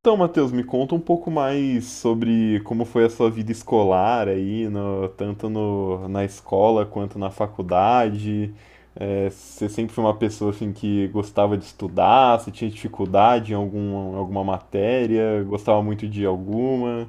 Então, Matheus, me conta um pouco mais sobre como foi a sua vida escolar aí, tanto na escola quanto na faculdade. É, você sempre foi uma pessoa assim que gostava de estudar, você tinha dificuldade em alguma matéria, gostava muito de alguma.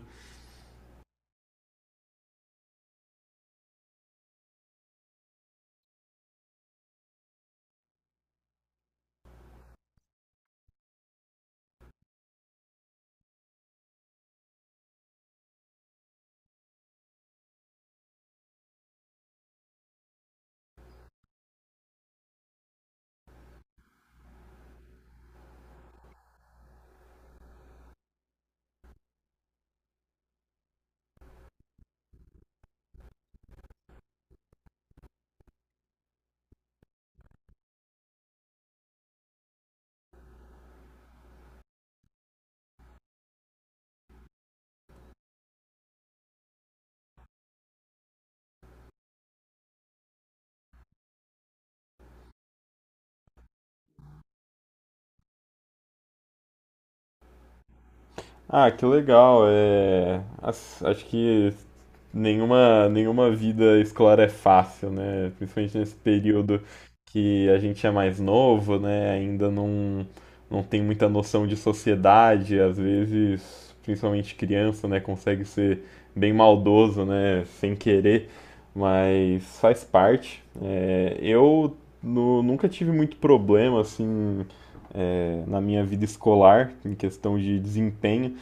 Ah, que legal. É, acho que nenhuma vida escolar é fácil, né? Principalmente nesse período que a gente é mais novo, né? Ainda não, Não tem muita noção de sociedade, às vezes, principalmente criança, né? Consegue ser bem maldoso, né? Sem querer, mas faz parte. É, eu nunca tive muito problema, assim, é, na minha vida escolar, em questão de desempenho.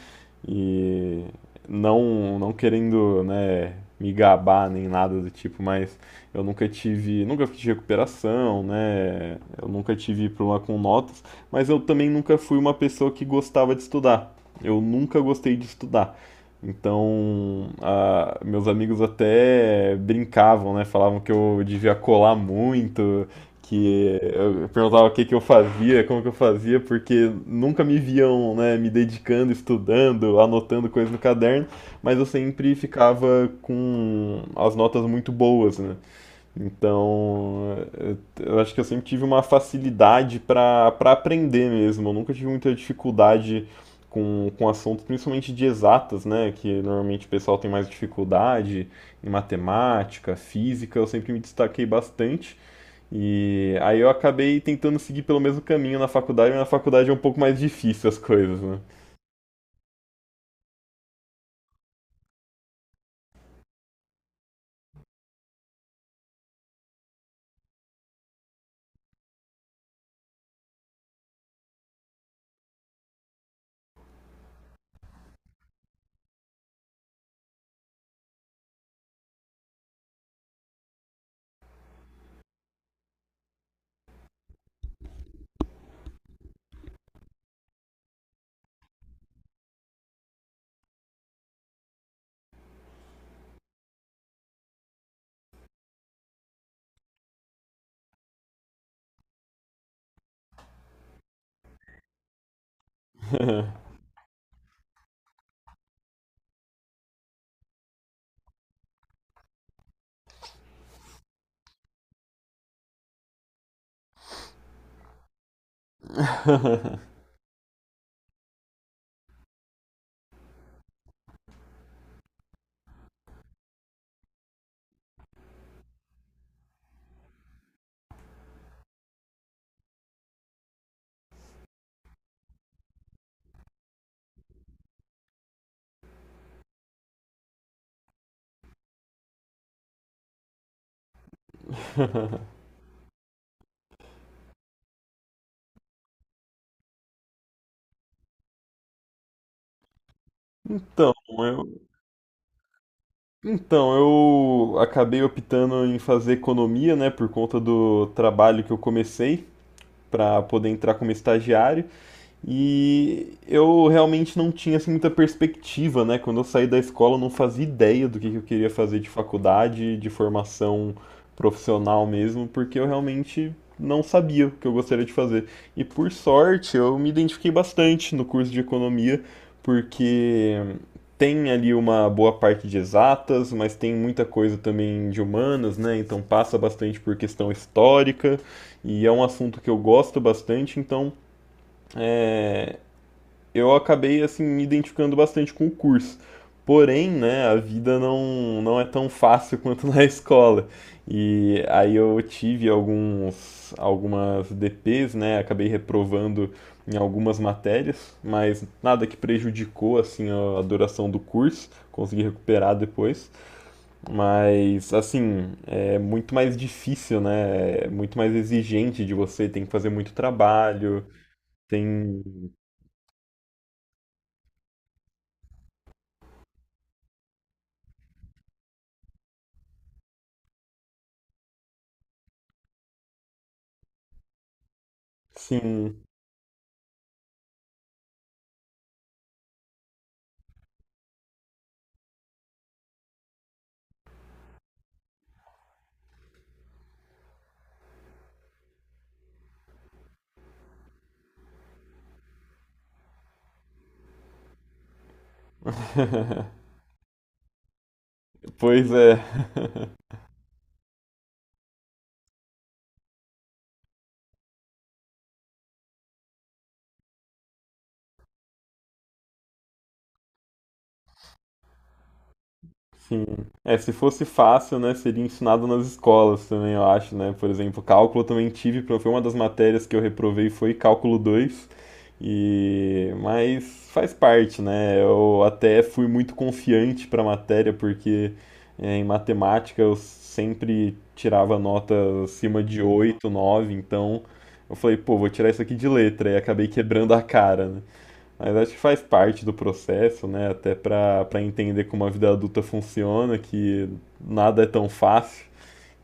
E não querendo, né, me gabar nem nada do tipo, mas eu nunca tive, nunca fiz recuperação, né? Eu nunca tive problema com notas, mas eu também nunca fui uma pessoa que gostava de estudar. Eu nunca gostei de estudar. Então, ah, meus amigos até brincavam, né? Falavam que eu devia colar muito, que eu perguntava o que que eu fazia, como que eu fazia, porque nunca me viam, né, me dedicando, estudando, anotando coisas no caderno, mas eu sempre ficava com as notas muito boas, né? Então, eu acho que eu sempre tive uma facilidade para aprender mesmo. Eu nunca tive muita dificuldade com assuntos, principalmente de exatas, né? Que normalmente o pessoal tem mais dificuldade em matemática, física. Eu sempre me destaquei bastante. E aí eu acabei tentando seguir pelo mesmo caminho na faculdade, mas na faculdade é um pouco mais difícil as coisas, né? Então, eu, eu acabei optando em fazer economia, né, por conta do trabalho que eu comecei para poder entrar como estagiário. E eu realmente não tinha assim, muita perspectiva, né? Quando eu saí da escola, eu não fazia ideia do que eu queria fazer de faculdade, de formação profissional mesmo, porque eu realmente não sabia o que eu gostaria de fazer. E por sorte, eu me identifiquei bastante no curso de economia, porque tem ali uma boa parte de exatas, mas tem muita coisa também de humanas, né? Então passa bastante por questão histórica, e é um assunto que eu gosto bastante, então eu acabei assim me identificando bastante com o curso. Porém, né, a vida não, não é tão fácil quanto na escola. E aí eu tive alguns algumas DPs, né, acabei reprovando em algumas matérias, mas nada que prejudicou assim a duração do curso, consegui recuperar depois, mas assim, é muito mais difícil, né? É muito mais exigente de você, tem que fazer muito trabalho, tem. Sim. Pois é. Sim. É, se fosse fácil, né, seria ensinado nas escolas também, eu acho, né? Por exemplo, cálculo eu também tive, foi uma das matérias que eu reprovei foi cálculo dois. E mas faz parte, né? Eu até fui muito confiante para a matéria porque é, em matemática eu sempre tirava nota acima de 8 nove, então eu falei, pô, vou tirar isso aqui de letra e acabei quebrando a cara, né? Mas acho que faz parte do processo, né? Até para entender como a vida adulta funciona, que nada é tão fácil.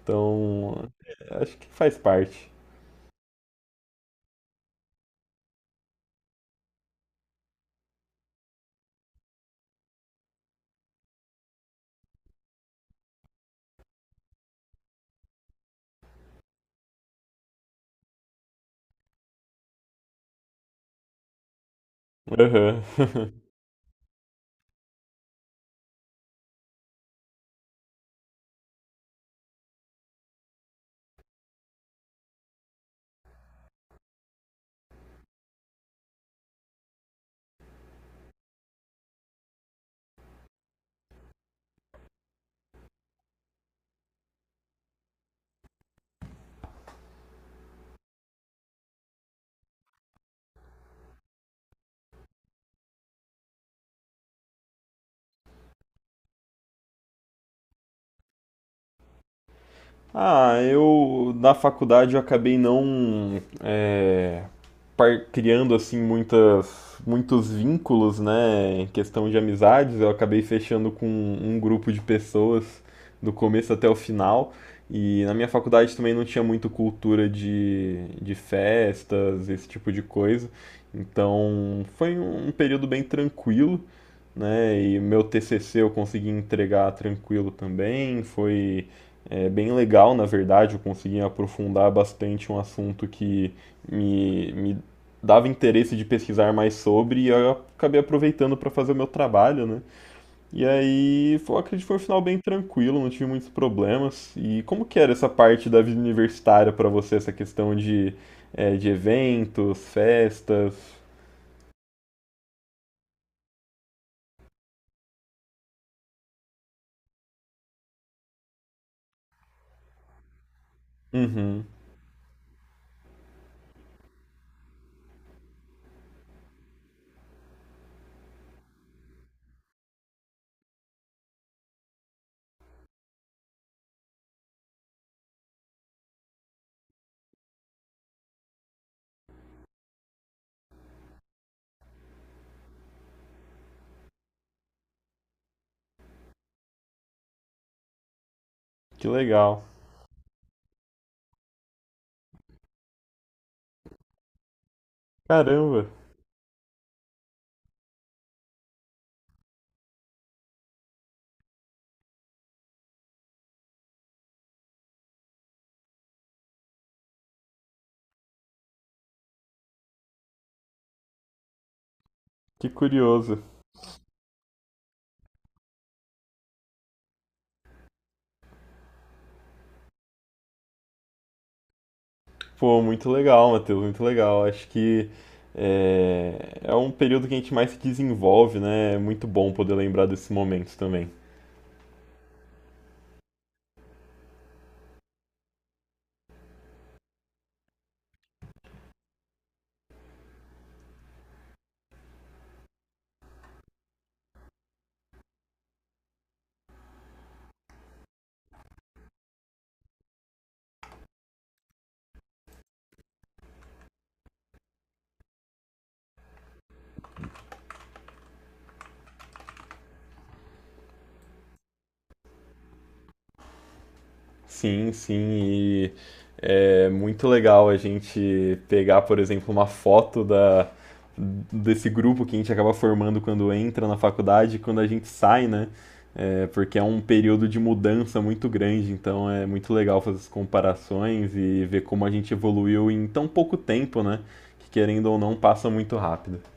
Então, é, acho que faz parte. Aham. Ah, eu na faculdade eu acabei não é, criando assim muitos vínculos, né, em questão de amizades. Eu acabei fechando com um grupo de pessoas do começo até o final. E na minha faculdade também não tinha muito cultura de festas, esse tipo de coisa. Então foi um período bem tranquilo, né? E meu TCC eu consegui entregar tranquilo também. Foi é bem legal, na verdade, eu consegui aprofundar bastante um assunto que me dava interesse de pesquisar mais sobre e eu acabei aproveitando para fazer o meu trabalho, né? E aí, foi, acredito que foi um final bem tranquilo, não tive muitos problemas. E como que era essa parte da vida universitária para você, essa questão de, é, de eventos, festas? Uhum, que legal. Caramba, que curioso. Pô, muito legal, Matheus, muito legal. Acho que é, é um período que a gente mais se desenvolve, né? É muito bom poder lembrar desses momentos também. Sim, sim, e é muito legal a gente pegar, por exemplo, uma foto da, desse grupo que a gente acaba formando quando entra na faculdade e quando a gente sai, né? É, porque é um período de mudança muito grande, então é muito legal fazer as comparações e ver como a gente evoluiu em tão pouco tempo, né? Que querendo ou não, passa muito rápido.